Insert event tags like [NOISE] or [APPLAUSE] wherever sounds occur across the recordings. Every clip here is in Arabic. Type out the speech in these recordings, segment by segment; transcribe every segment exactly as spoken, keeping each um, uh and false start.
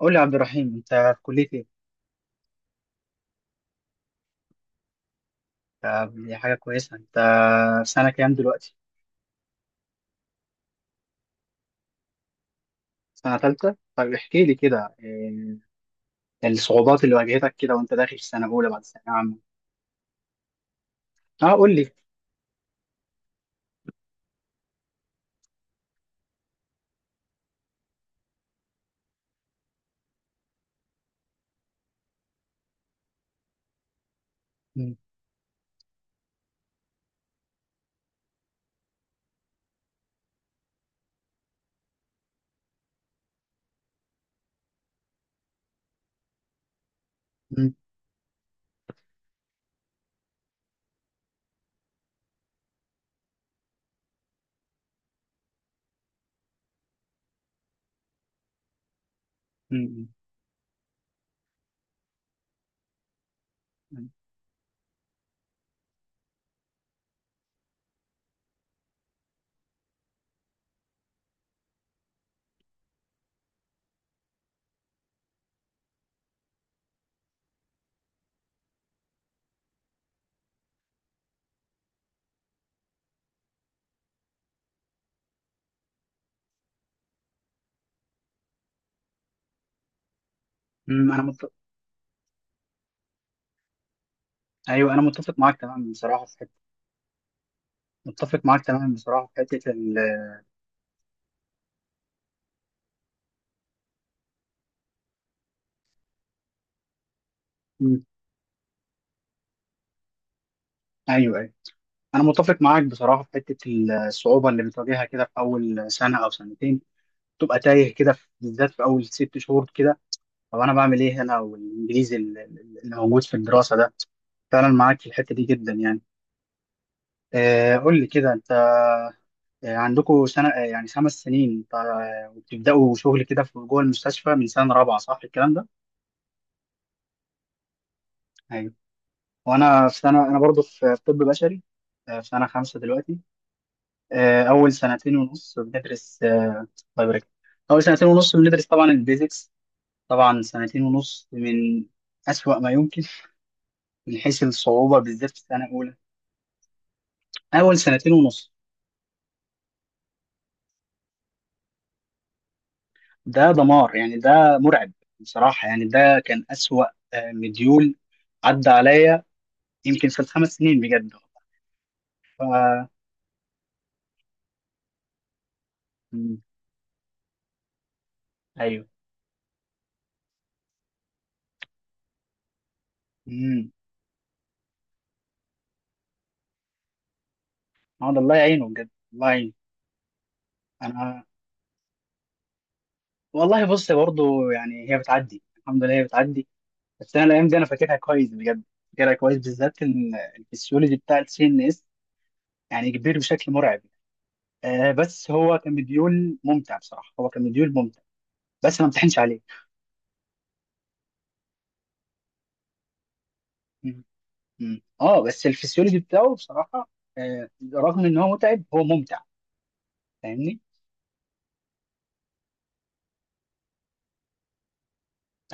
قول لي يا عبد الرحيم انت في كلية ايه؟ انت- دي حاجة كويسة. انت في سنة كام دلوقتي؟ سنة تالتة؟ طيب احكي لي كده إيه الصعوبات اللي واجهتك كده وانت داخل في سنة أولى بعد ثانوية عامة. اه، قول لي. م- م- م- م- م- انا مت... ايوه، انا متفق معاك تماما بصراحة في حتة. متفق معاك تماما بصراحة في حتة ال م. ايوه ايوه، انا متفق معاك بصراحة في حتة الصعوبة اللي بتواجهها كده في أول سنة أو سنتين. تبقى تايه كده في- بالذات في أول ست شهور كده، او انا بعمل ايه هنا، والانجليزي ال- ال- اللي موجود في الدراسه ده. فعلا معاك في الحته دي جدا يعني. آه، قول لي كده انت، آه، عندكم سنه، آه، يعني خمس سنين ف- آه، وبتبداوا شغل كده في جوه المستشفى من سنه رابعه، صح الكلام ده؟ ايوه. وانا في سنه، انا برضو في في طب بشري، آه، في سنه خمسه دلوقتي. آه، اول سنتين ونص بندرس آه، بايوميديكال. اول سنتين ونص بندرس طبعا البيزكس، طبعا سنتين ونص من أسوأ ما يمكن من حيث الصعوبة بالذات في سنة أولى. أول سنتين ونص. ده دمار يعني، ده مرعب بصراحة، يعني ده كان أسوأ آه، مديول عدى عليا يمكن في الخمس سنين بجد. ف مم. أيوه. امم، هذا الله يعينه بجد، الله يعينه. أنا والله بص برضه، يعني هي بتعدي الحمد لله، هي بتعدي. بس أنا الأيام دي أنا فاكرها كويس بجد، فاكرها كويس بالذات إن الفسيولوجي بتاع السي إن إس يعني كبير بشكل مرعب. آه، بس هو كان مديول ممتع بصراحة، هو كان مديول ممتع، بس ما امتحنش عليه. مم. اه، بس الفسيولوجي بتاعه بصراحه، آه، رغم ان هو متعب هو ممتع. فاهمني؟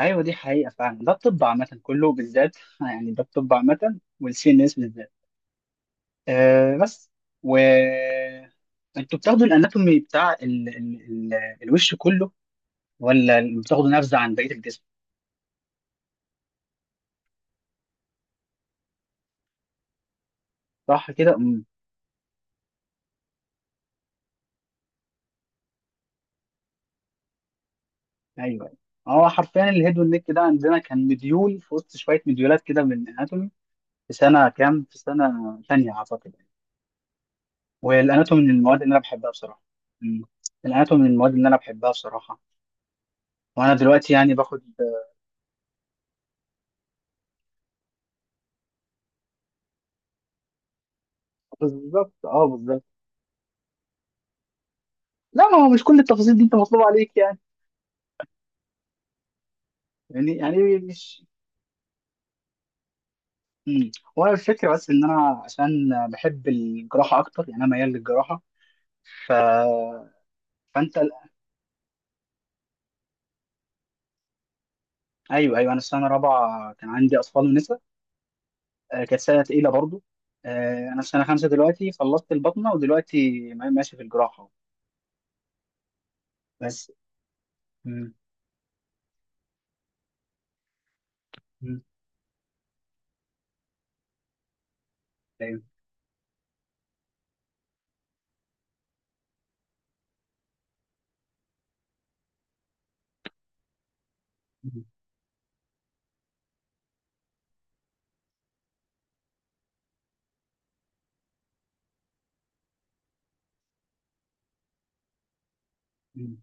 ايوه، دي حقيقه فعلا، ده الطب عامه كله بالذات [LAUGHS] يعني، ده الطب عامه والسي ان اس بالذات. آه بس و انتوا بتاخدوا الاناتومي بتاع ال... ال... ال... الوش كله، ولا بتاخدوا نبذه عن بقيه الجسم؟ صح كده. امم. ايوه، هو حرفيا الهيد والنك ده عندنا كان مديول في وسط شويه مديولات كده من الاناتومي، في سنه كام، في سنه ثانيه اعتقد. والاناتومي من المواد اللي انا بحبها بصراحه. مم. الاناتومي من المواد اللي انا بحبها بصراحه، وانا دلوقتي يعني باخد. بالظبط اه، بالظبط. لا، ما هو مش كل التفاصيل دي انت مطلوب عليك يعني يعني يعني مش. مم. هو الفكره بس ان انا عشان بحب الجراحه اكتر، يعني انا ميال للجراحه. ف فانت. ايوه ايوه، انا السنه الرابعه كان عندي اطفال ونساء، آه، كانت سنه تقيله برضو. آه، انا في سنه خمسه دلوقتي، خلصت البطنه ودلوقتي ماشي في الجراحه. بس. مم. مم. ايوه. مم. مم.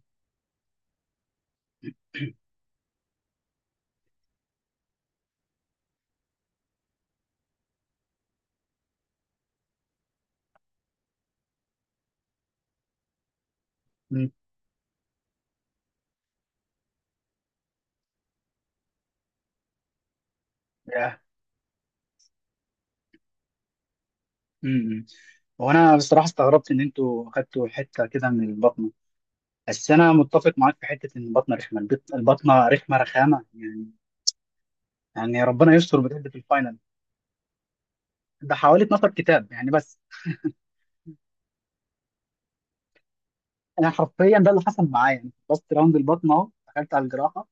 مم. ياه. مم. هو انا بصراحه استغربت ان انتوا خدتوا حته كده من البطنه، بس انا متفق معاك في حته ان البطنه رخمه، البط- البطنه رخمه رخامه يعني. يعني ربنا يستر بجد في الفاينل، ده حوالي اتناشر كتاب يعني بس. انا حرفيا ده اللي حصل معايا، انا خلصت راوند البطنه اهو، دخلت على الجراحه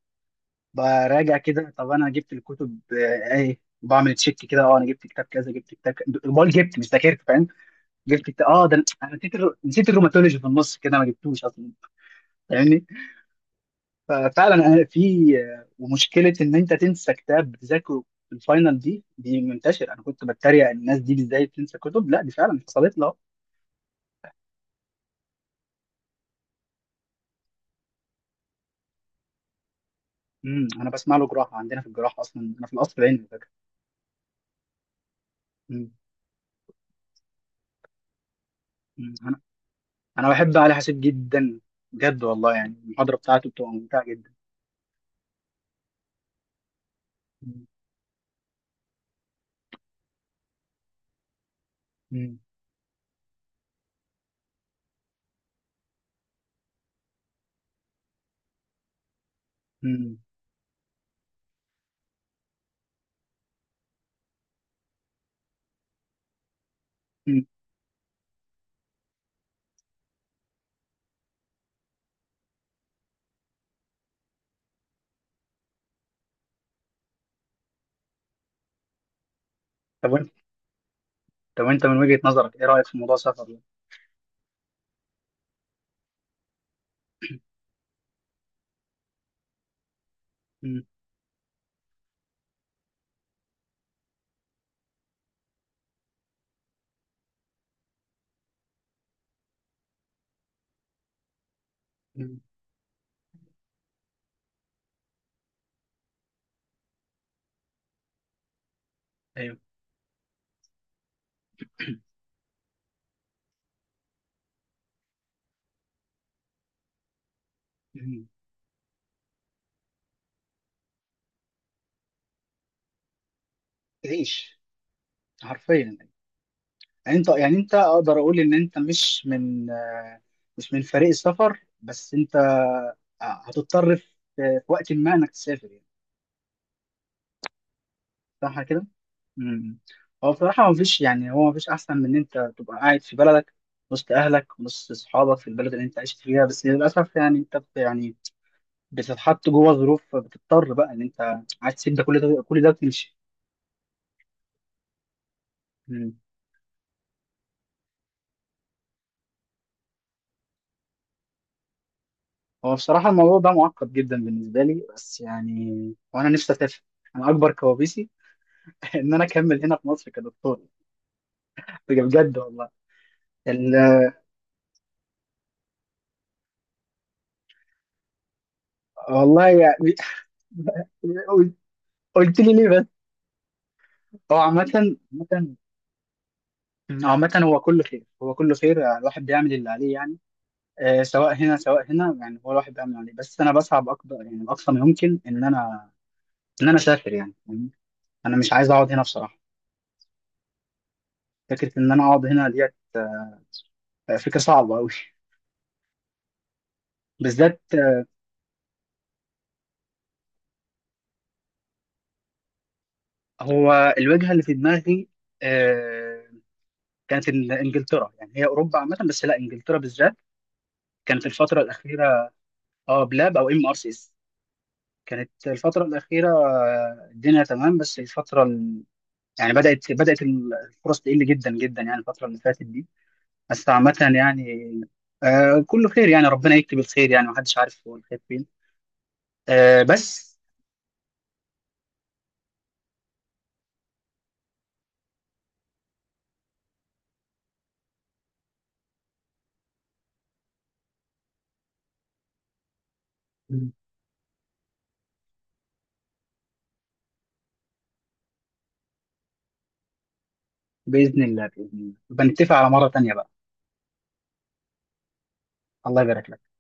براجع كده. طب انا جبت الكتب آه، ايه، وبعمل تشيك كده، اه انا جبت كتاب كذا، جبت كتاب ك- بقول جبت مش ذاكرت فاهم. جبت كتاب اه، ده انا أنا نسيت الر- نسيت الروماتولوجي في النص كده، ما جبتوش اصلا. فاهمني؟ ففعلا أنا في ومشكله ان انت تنسى كتاب بتذاكره في الفاينل دي، دي منتشر، انا كنت بتريق الناس دي ازاي بتنسى كتب، لا دي فعلا حصلت له. امم، انا بسمع له جراحه عندنا في الجراحه اصلا، انا في القصر العيني على فكره. أمم. أمم. انا انا بحب علي حسيب جدا، بجد والله يعني المحاضره بتاعته بتبقى ممتعه جدا. أمم. أمم. أمم. أمم. طب وانت، طب وانت من وجهه نظرك ايه رايك في موضوع السفر ده؟ أمم. أمم. ايوه. [CLEARS THROAT] أمم. تعيش، حرفيا. يعني انت، يعني انت اقدر اقول ان انت مش من آه، مش من فريق السفر، بس انت آه، هتضطر في في وقت ما انك تسافر يعني، صح كده؟ امم. هو بصراحة مفيش، يعني هو مفيش أحسن من إن أنت تبقى قاعد في بلدك، وسط أهلك وسط أصحابك في البلد اللي أنت عشت فيها، بس للأسف يعني أنت بت- يعني بتتحط جوه ظروف، بتضطر بقى إن أنت عايز تسيب ده، كل ده كل ده وتمشي. مم. هو بصراحة الموضوع ده معقد جدا بالنسبة لي، بس يعني وأنا نفسي أسافر. أنا أكبر كوابيسي [LAUGHS] ان انا اكمل هنا في مصر كدكتور. بجد والله. ال- والله يعني. [LAUGHS] قلت لي ليه بس. هو عامة، عامة، عامة هو كله خير، هو كله خير، الواحد بيعمل اللي عليه يعني. آه، سواء هنا سواء هنا يعني، هو الواحد بيعمل اللي عليه، بس انا بسعى اكبر يعني، اقصى ما يمكن ان انا ان انا اسافر يعني، فاهمني؟ انا مش عايز اقعد هنا بصراحة. فكرة ان انا اقعد هنا ديت، آه، فكرة صعبة قوي بالذات. آه، هو الوجهة اللي في دماغي، آه، كانت ال- انجلترا، يعني هي اوروبا عامه بس لا، انجلترا بالذات. كانت الفتره الاخيره. اه بلاب او ام ار سي اس. كانت الفتره الاخيره آه، الدنيا تمام، بس الفتره ال... يعني بدات بدات الفرص تقل جدا جدا يعني الفتره اللي فاتت دي، بس عامه يعني. آه، كله خير يعني، ربنا يكتب الخير يعني، محدش عارف هو الخير فين. آه بس. باذن الله باذن الله، بنتفق على مره تانيه بقى. الله يبارك لك.